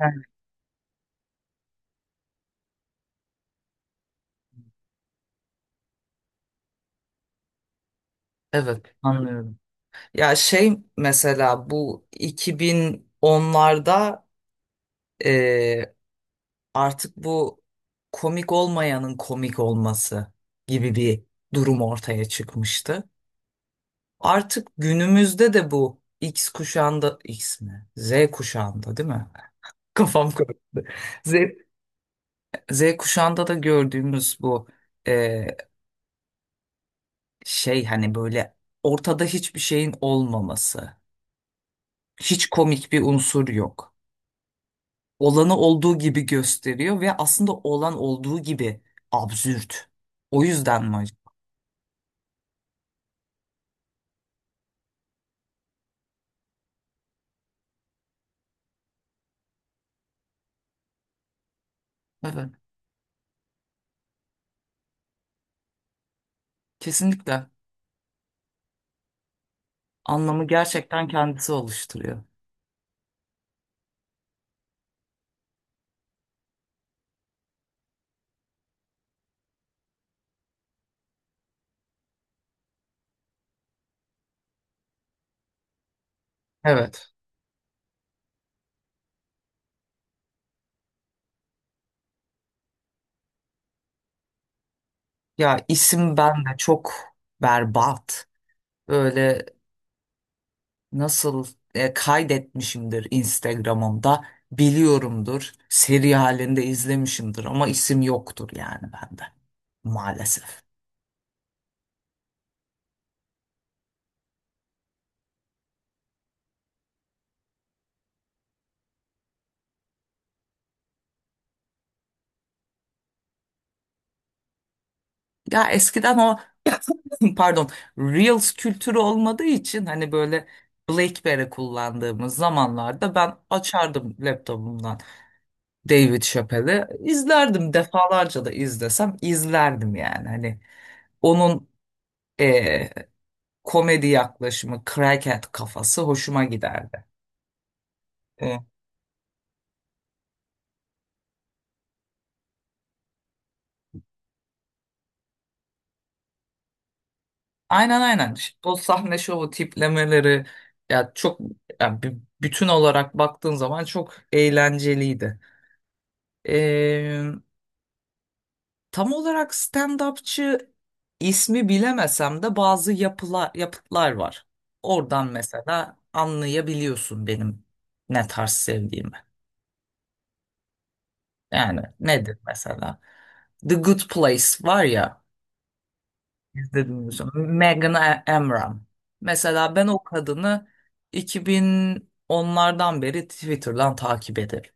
Evet, evet, anlıyorum. Ya şey mesela bu 2010'larda e, artık bu komik olmayanın komik olması gibi bir durum ortaya çıkmıştı. Artık günümüzde de bu X kuşağında X mi? Z kuşağında değil mi? Kafam karıştı. Z, Z kuşağında da gördüğümüz bu e, şey hani böyle ortada hiçbir şeyin olmaması. Hiç komik bir unsur yok. Olanı olduğu gibi gösteriyor ve aslında olan olduğu gibi absürt. O yüzden mi acaba? Evet, kesinlikle. Anlamı gerçekten kendisi oluşturuyor. Evet. Ya isim ben de çok berbat. Böyle nasıl kaydetmişimdir Instagram'ımda biliyorumdur. Seri halinde izlemişimdir ama isim yoktur yani bende maalesef. Ya eskiden o pardon Reels kültürü olmadığı için hani böyle BlackBerry kullandığımız zamanlarda ben açardım laptopumdan David Chappelle'i izlerdim defalarca da izlesem izlerdim yani hani onun eee, komedi yaklaşımı crackhead kafası hoşuma giderdi. E, aynen aynen. O sahne şovu tiplemeleri ya çok ya bütün olarak baktığın zaman çok eğlenceliydi. Tam olarak stand-upçı ismi bilemesem de bazı yapılar, yapıtlar var. Oradan mesela anlayabiliyorsun benim ne tarz sevdiğimi. Yani nedir mesela? The Good Place var ya, izlediniz mi? Bilmiyorum. Amram. Mesela ben o kadını iki bin onlardan beri Twitter'dan takip ederim.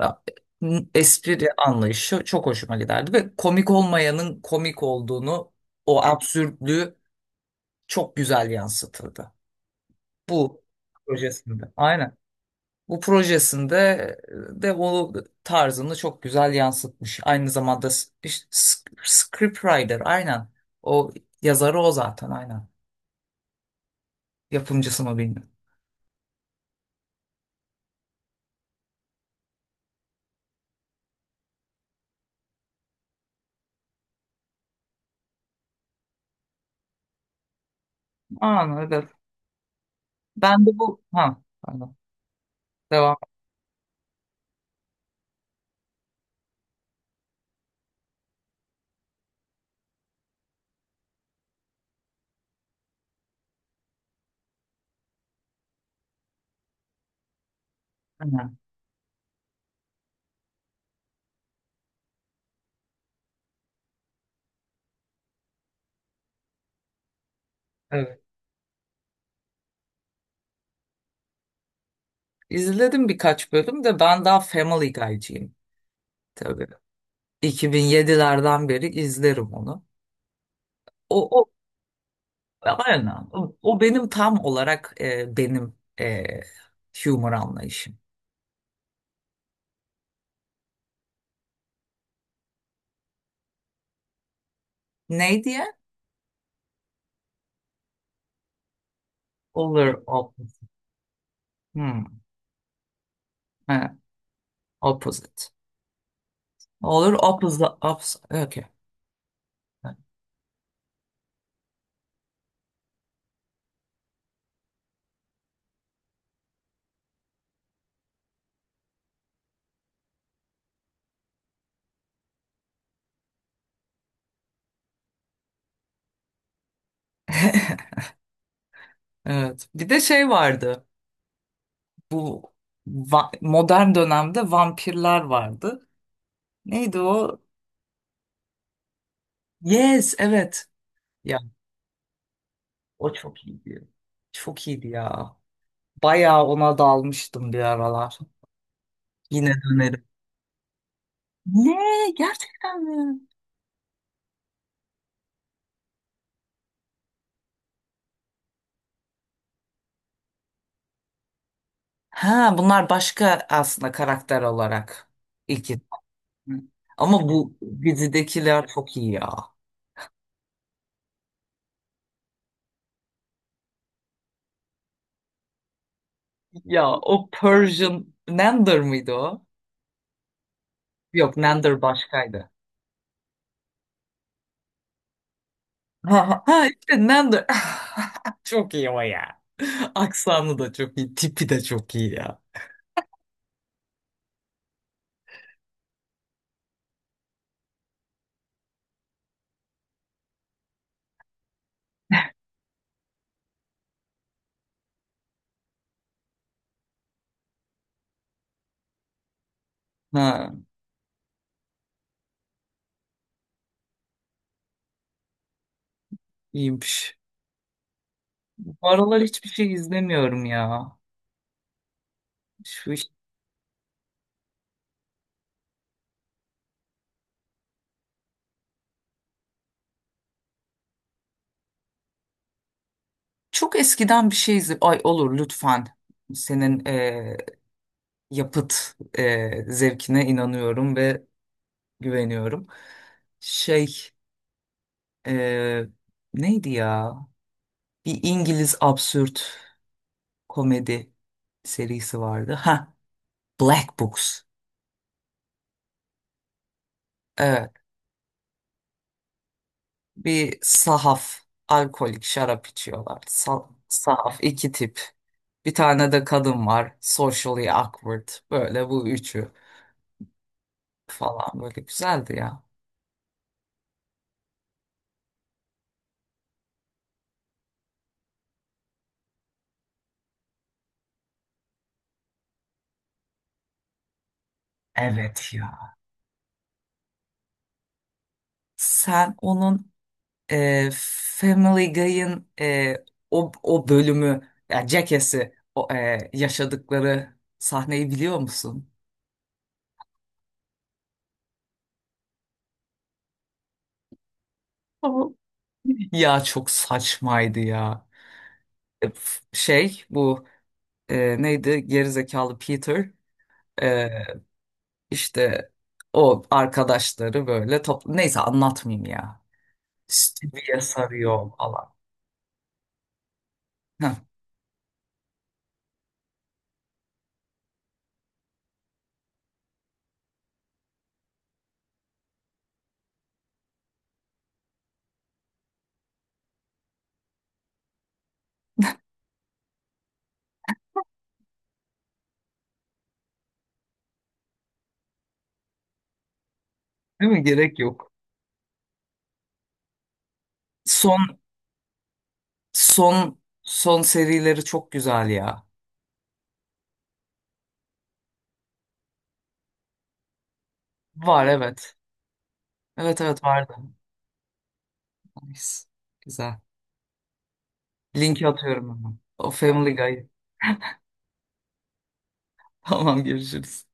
Ya, Espri anlayışı çok hoşuma giderdi ve komik olmayanın komik olduğunu, o absürtlüğü çok güzel yansıtıldı. Bu projesinde. Aynen. Bu projesinde de o tarzını çok güzel yansıtmış. Aynı zamanda işte scriptwriter aynen. O yazarı o zaten aynen. Yapımcısı mı bilmiyorum. Aynen evet. Ben de bu ha pardon. Devam. Aynen. Evet. İzledim birkaç bölüm de ben daha Family Guy'cıyım. Tabii. 2007'lerden beri izlerim onu. O, aynen. O benim tam olarak benim e, humor anlayışım. Ne diye? Olur op, hmm, evet, opposite. Olur opposite. Opposite. Okay. Evet. Bir de şey vardı. Bu modern dönemde vampirler vardı. Neydi o? Yes, evet. Ya o çok iyiydi. Çok iyiydi ya. Bayağı ona dalmıştım bir aralar. Yine dönerim. Ne? Gerçekten mi? Ha, bunlar başka aslında karakter olarak ilk. Ama bu dizidekiler çok iyi ya. Ya o Persian Nander mıydı o? Yok Nander başkaydı. Ha, ha işte Nander. Çok iyi o ya. Aksanı da çok iyi. Tipi de çok iyi ya. Ha, iyiymiş. Bu aralar hiçbir şey izlemiyorum ya. Şu iş- Çok eskiden bir şey izle. Ay olur lütfen. Senin yapıt zevkine inanıyorum ve güveniyorum. Şey e, neydi ya? Bir İngiliz absürt komedi serisi vardı. Ha, Black Books. Evet, bir sahaf alkolik şarap içiyorlar. Sahaf iki tip. Bir tane de kadın var. Socially awkward. Böyle bu üçü falan böyle güzeldi ya. Evet ya. Sen onun Family Guy'ın o bölümü yani Jackass'i yaşadıkları sahneyi biliyor musun? Tamam. Ya çok saçmaydı ya. Şey bu neydi gerizekalı Peter, e, işte o arkadaşları böyle topla neyse anlatmayayım ya. Stevie'ye sarıyor falan. Heh, değil mi? Gerek yok. Son son son serileri çok güzel ya. Var evet. Evet evet vardı. Nice. Güzel. Linki atıyorum hemen. O Family Guy. Tamam görüşürüz.